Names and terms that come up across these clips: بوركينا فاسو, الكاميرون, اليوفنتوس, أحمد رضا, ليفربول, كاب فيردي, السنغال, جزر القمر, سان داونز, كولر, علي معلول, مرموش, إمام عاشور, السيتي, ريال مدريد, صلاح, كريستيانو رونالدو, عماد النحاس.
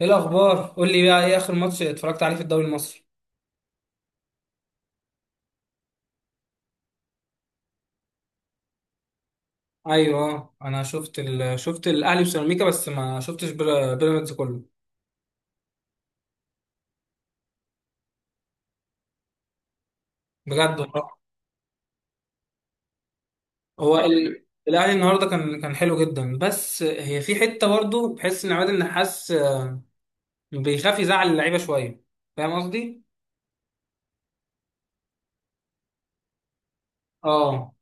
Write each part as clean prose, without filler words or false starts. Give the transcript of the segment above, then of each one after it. ايه الاخبار؟ قول لي بقى، ايه اخر ماتش اتفرجت عليه في الدوري المصري؟ ايوه آه. انا شوفت شفت الاهلي وسيراميكا، بس ما شفتش بيراميدز كله. بجد والله. هو الاهلي النهارده كان حلو جدا، بس هي في حته برضه بحس ان عماد النحاس بيخاف يزعل اللعيبه شويه. فاهم قصدي؟ اه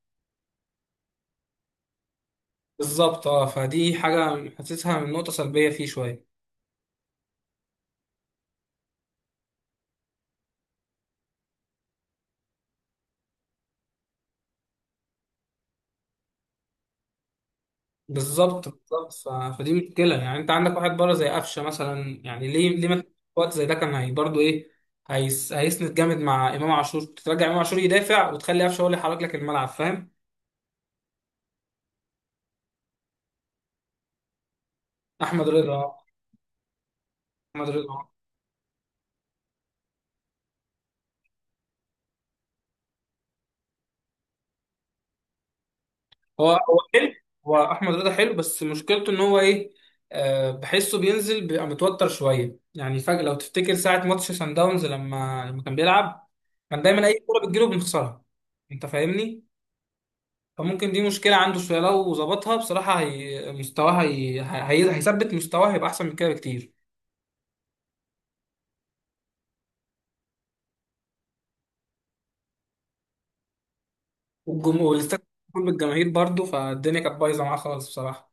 بالظبط، اه فدي حاجه حاسسها من نقطه سلبيه فيه شويه. بالظبط بالظبط، فدي مشكله. يعني انت عندك واحد بره زي قفشه مثلا، يعني ليه ما في وقت زي ده؟ كان هي برضه ايه، هيسند جامد مع امام عاشور، ترجع امام عاشور يدافع وتخلي قفشه هو اللي يحرك لك الملعب. فاهم؟ احمد رضا. احمد رضا. هو حلو. هو احمد رضا حلو، بس مشكلته ان هو ايه، بحسه بينزل بيبقى متوتر شويه يعني فجاه. لو تفتكر ساعه ماتش سان داونز، لما كان بيلعب كان دايما اي كوره بتجيله بنخسرها. انت فاهمني؟ فممكن دي مشكلة عنده شوية، لو ظبطها بصراحة هي مستواه، هيثبت مستواه، هيبقى أحسن من كده بكتير. والاستاد مليان بالجماهير برضه، فالدنيا كانت بايظة معاه خالص بصراحة.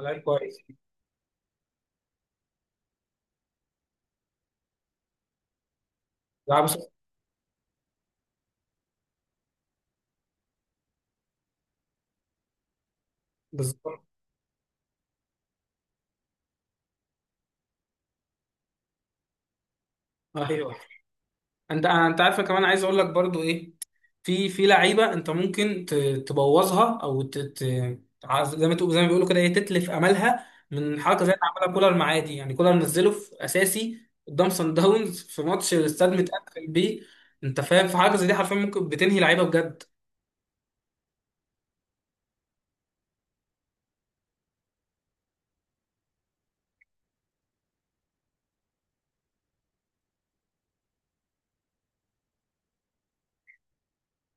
لعيب كويس. لعب. بالظبط. أيوه. انت عارفه كمان، عايز اقول لك برضو ايه، في لعيبه انت ممكن ت- تبوظها او ت... ت... عايز- زي ما تقول، زي ما بيقولوا كده، ايه، تتلف املها من حركه زي اللي عملها كولر معاه دي. يعني كولر نزله في اساسي قدام سان داونز في ماتش الاستاد متقفل بيه. انت فاهم؟ في حاجه زي دي حرفيا ممكن بتنهي لعيبه بجد.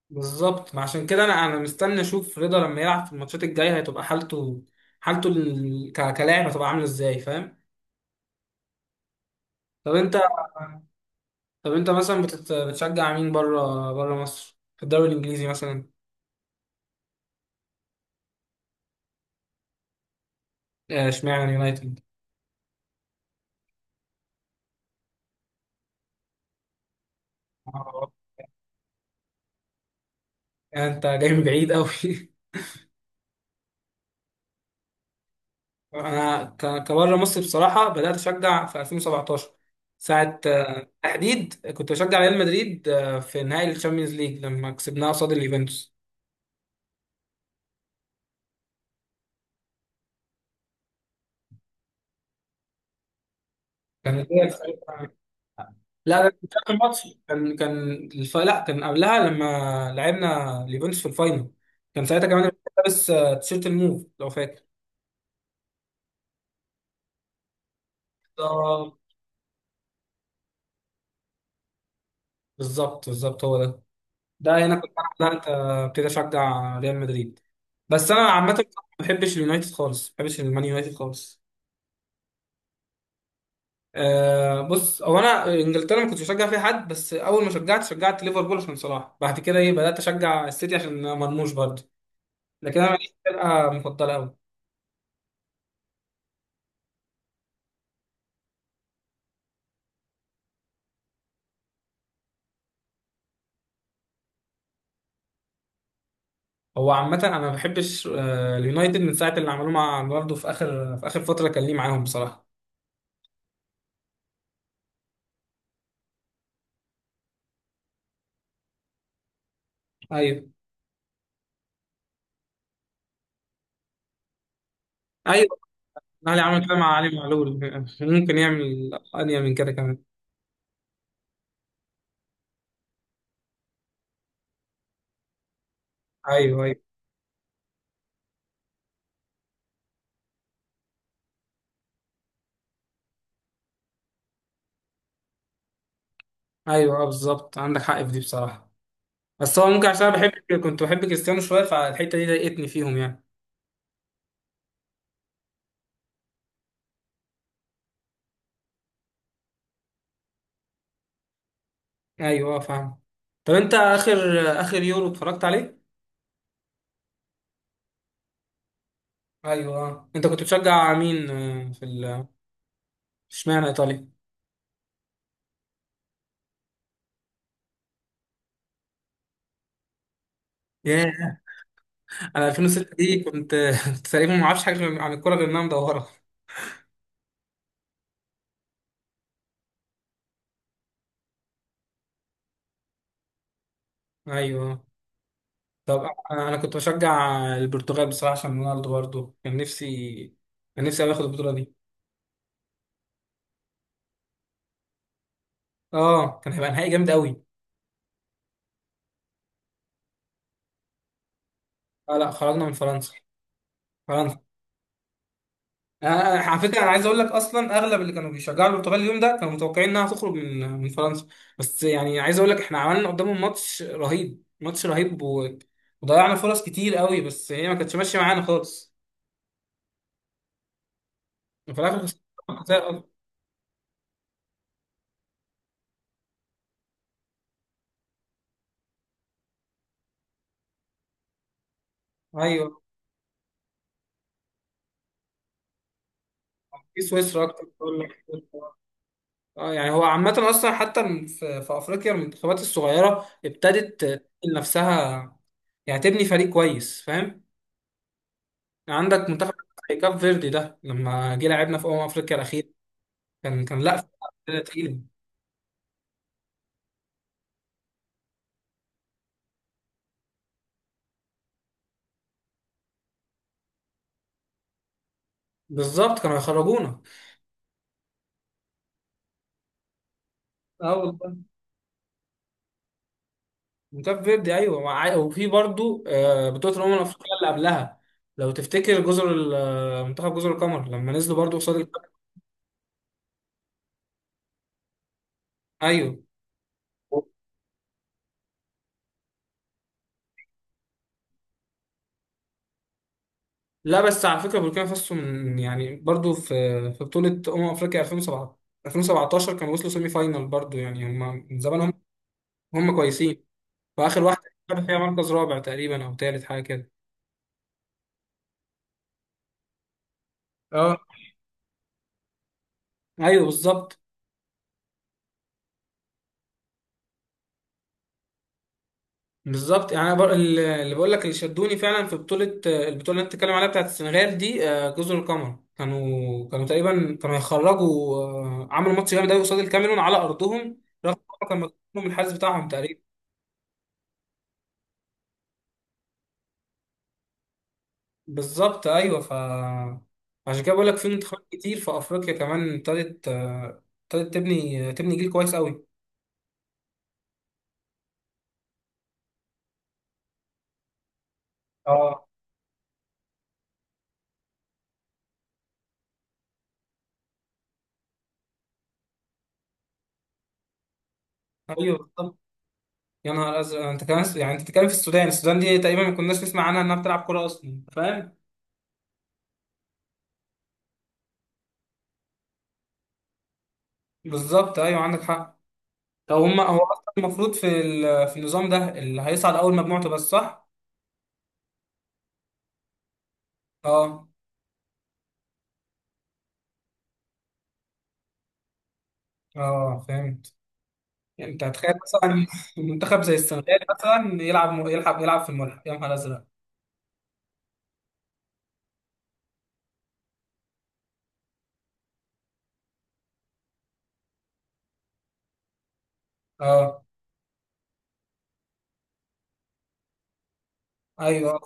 بالظبط، ما عشان كده انا مستني اشوف رضا لما يلعب في الماتشات الجايه هتبقى حالته، كلاعب هتبقى عامله ازاي. فاهم؟ طب انت، مثلا بتشجع مين بره مصر، في الدوري الانجليزي مثلا؟ اشمعنى يونايتد؟ آه، انت جاي من بعيد قوي انا كبره مصر بصراحه بدات اشجع في 2017. ساعه تحديد كنت بشجع ريال مدريد في نهائي الشامبيونز ليج لما كسبناه قصاد اليوفنتوس. كان هي ساعتها- لا، ده كان مش آخر ماتش. لا، كان قبلها لما لعبنا اليوفنتوس في الفاينل. كان ساعتها كمان لابس تيشيرت الموف لو فاكر. بالظبط بالظبط، هو ده. ده هنا كنت انا بدات ابتدي اشجع ريال مدريد. بس انا عامه ما بحبش اليونايتد خالص، ما بحبش المان يونايتد خالص. بص، هو انا انجلترا ما كنتش بشجع فيها حد، بس اول ما شجعت شجعت ليفربول عشان صلاح، بعد كده ايه بدات اشجع السيتي عشان مرموش برضه. لكن انا ماليش فرقه مفضله قوي. هو عامه انا ما بحبش اليونايتد من ساعه اللي عملوه مع برضه في اخر، فتره كان ليه معاهم بصراحه. ايوه. ايوه، الاهلي عمل كده مع علي معلول. ممكن يعمل انيا من كده كمان. ايوه، ايوه، ايوه، بالظبط عندك حق في دي بصراحه. بس هو ممكن، عشان انا بحب، كنت بحب كريستيانو شويه، فالحته دي ضايقتني فيهم يعني. ايوه فاهم. طب انت اخر، يورو اتفرجت عليه؟ ايوه آه. انت كنت بتشجع مين في اشمعنى ايطاليا؟ ياه، انا 2006 دي كنت كنت تقريبا ما اعرفش حاجه عن الكوره غير انها مدوره. ايوه آه. طب انا، كنت بشجع البرتغال بصراحه عشان رونالدو برضه. كان نفسي، كان نفسي أوي اخد البطوله دي. اه، كان هيبقى نهائي جامد قوي. لا، لا، خرجنا من فرنسا. فرنسا. آه، على فكره انا عايز اقول لك اصلا اغلب اللي كانوا بيشجعوا البرتغال اليوم ده كانوا متوقعين انها تخرج من، فرنسا. بس يعني عايز اقول لك احنا عملنا قدامهم ماتش رهيب، ماتش رهيب، وضيعنا فرص كتير قوي، بس هي ما كانتش ماشيه معانا خالص، وفي الاخر خسرنا زي الأرض. ايوه. في سويسرا اكتر بقول لك. اه يعني هو عامه اصلا حتى في افريقيا المنتخبات الصغيره ابتدت تبني نفسها. يعني تبني فريق كويس، فاهم؟ عندك منتخب زي كاب فيردي ده، لما جه لعبنا في افريقيا الاخيره كان كان لا، فرقة تقيلة. بالظبط، كانوا هيخرجونا. اه والله. كاب فيردي، ايوه، وفي برضو بطولة الأمم الأفريقية اللي قبلها، لو تفتكر جزر منتخب جزر القمر لما نزلوا برضو قصاد الكاميرون. ايوه. لا، بس على فكرة بوركينا فاسو من يعني برضو في، بطولة أمم أفريقيا 2017. 2017 كانوا وصلوا سيمي فاينال برضو، يعني هم من زمان، هم كويسين. وآخر واحدة خدوا فيها مركز رابع تقريبا أو تالت حاجة كده. اه. ايوه بالظبط. بالظبط، يعني أنا اللي بقول لك اللي شدوني فعلا في بطوله، البطوله اللي انت بتتكلم عليها بتاعت السنغال دي جزر القمر كانوا، تقريبا كانوا هيخرجوا، عملوا ماتش جامد قوي قصاد الكاميرون على ارضهم، رغم إن هم كانوا مكسوبين من الحارس بتاعهم تقريبا. بالظبط، ايوه. ف عشان كده بقول لك في منتخبات كتير في افريقيا كمان ابتدت، تبني، جيل كويس قوي. اه. ايوه بالظبط. يا نهار ازرق. يعني انت كمان، يعني انت بتتكلم في السودان. السودان دي تقريبا ما كناش نسمع عنها انها بتلعب كوره اصلا، فاهم؟ بالظبط، ايوه، عندك حق. لو هم، هو اصلا المفروض في في النظام ده اللي هيصعد اول مجموعته بس، صح؟ اه. اه فهمت. يعني انت هتخيل مثلا منتخب زي السنغال مثلا يلعب، في الملعب. يا نهار ازرق. اه ايوه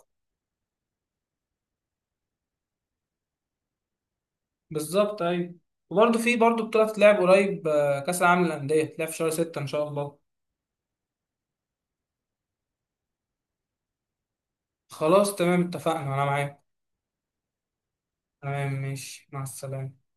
بالظبط. ايوه، وبرضه في برضه بطولة تلعب قريب كأس العالم للأندية تلعب في شهر ستة إن شاء الله. خلاص، تمام، اتفقنا، أنا معاك. تمام، ماشي، مع السلامة.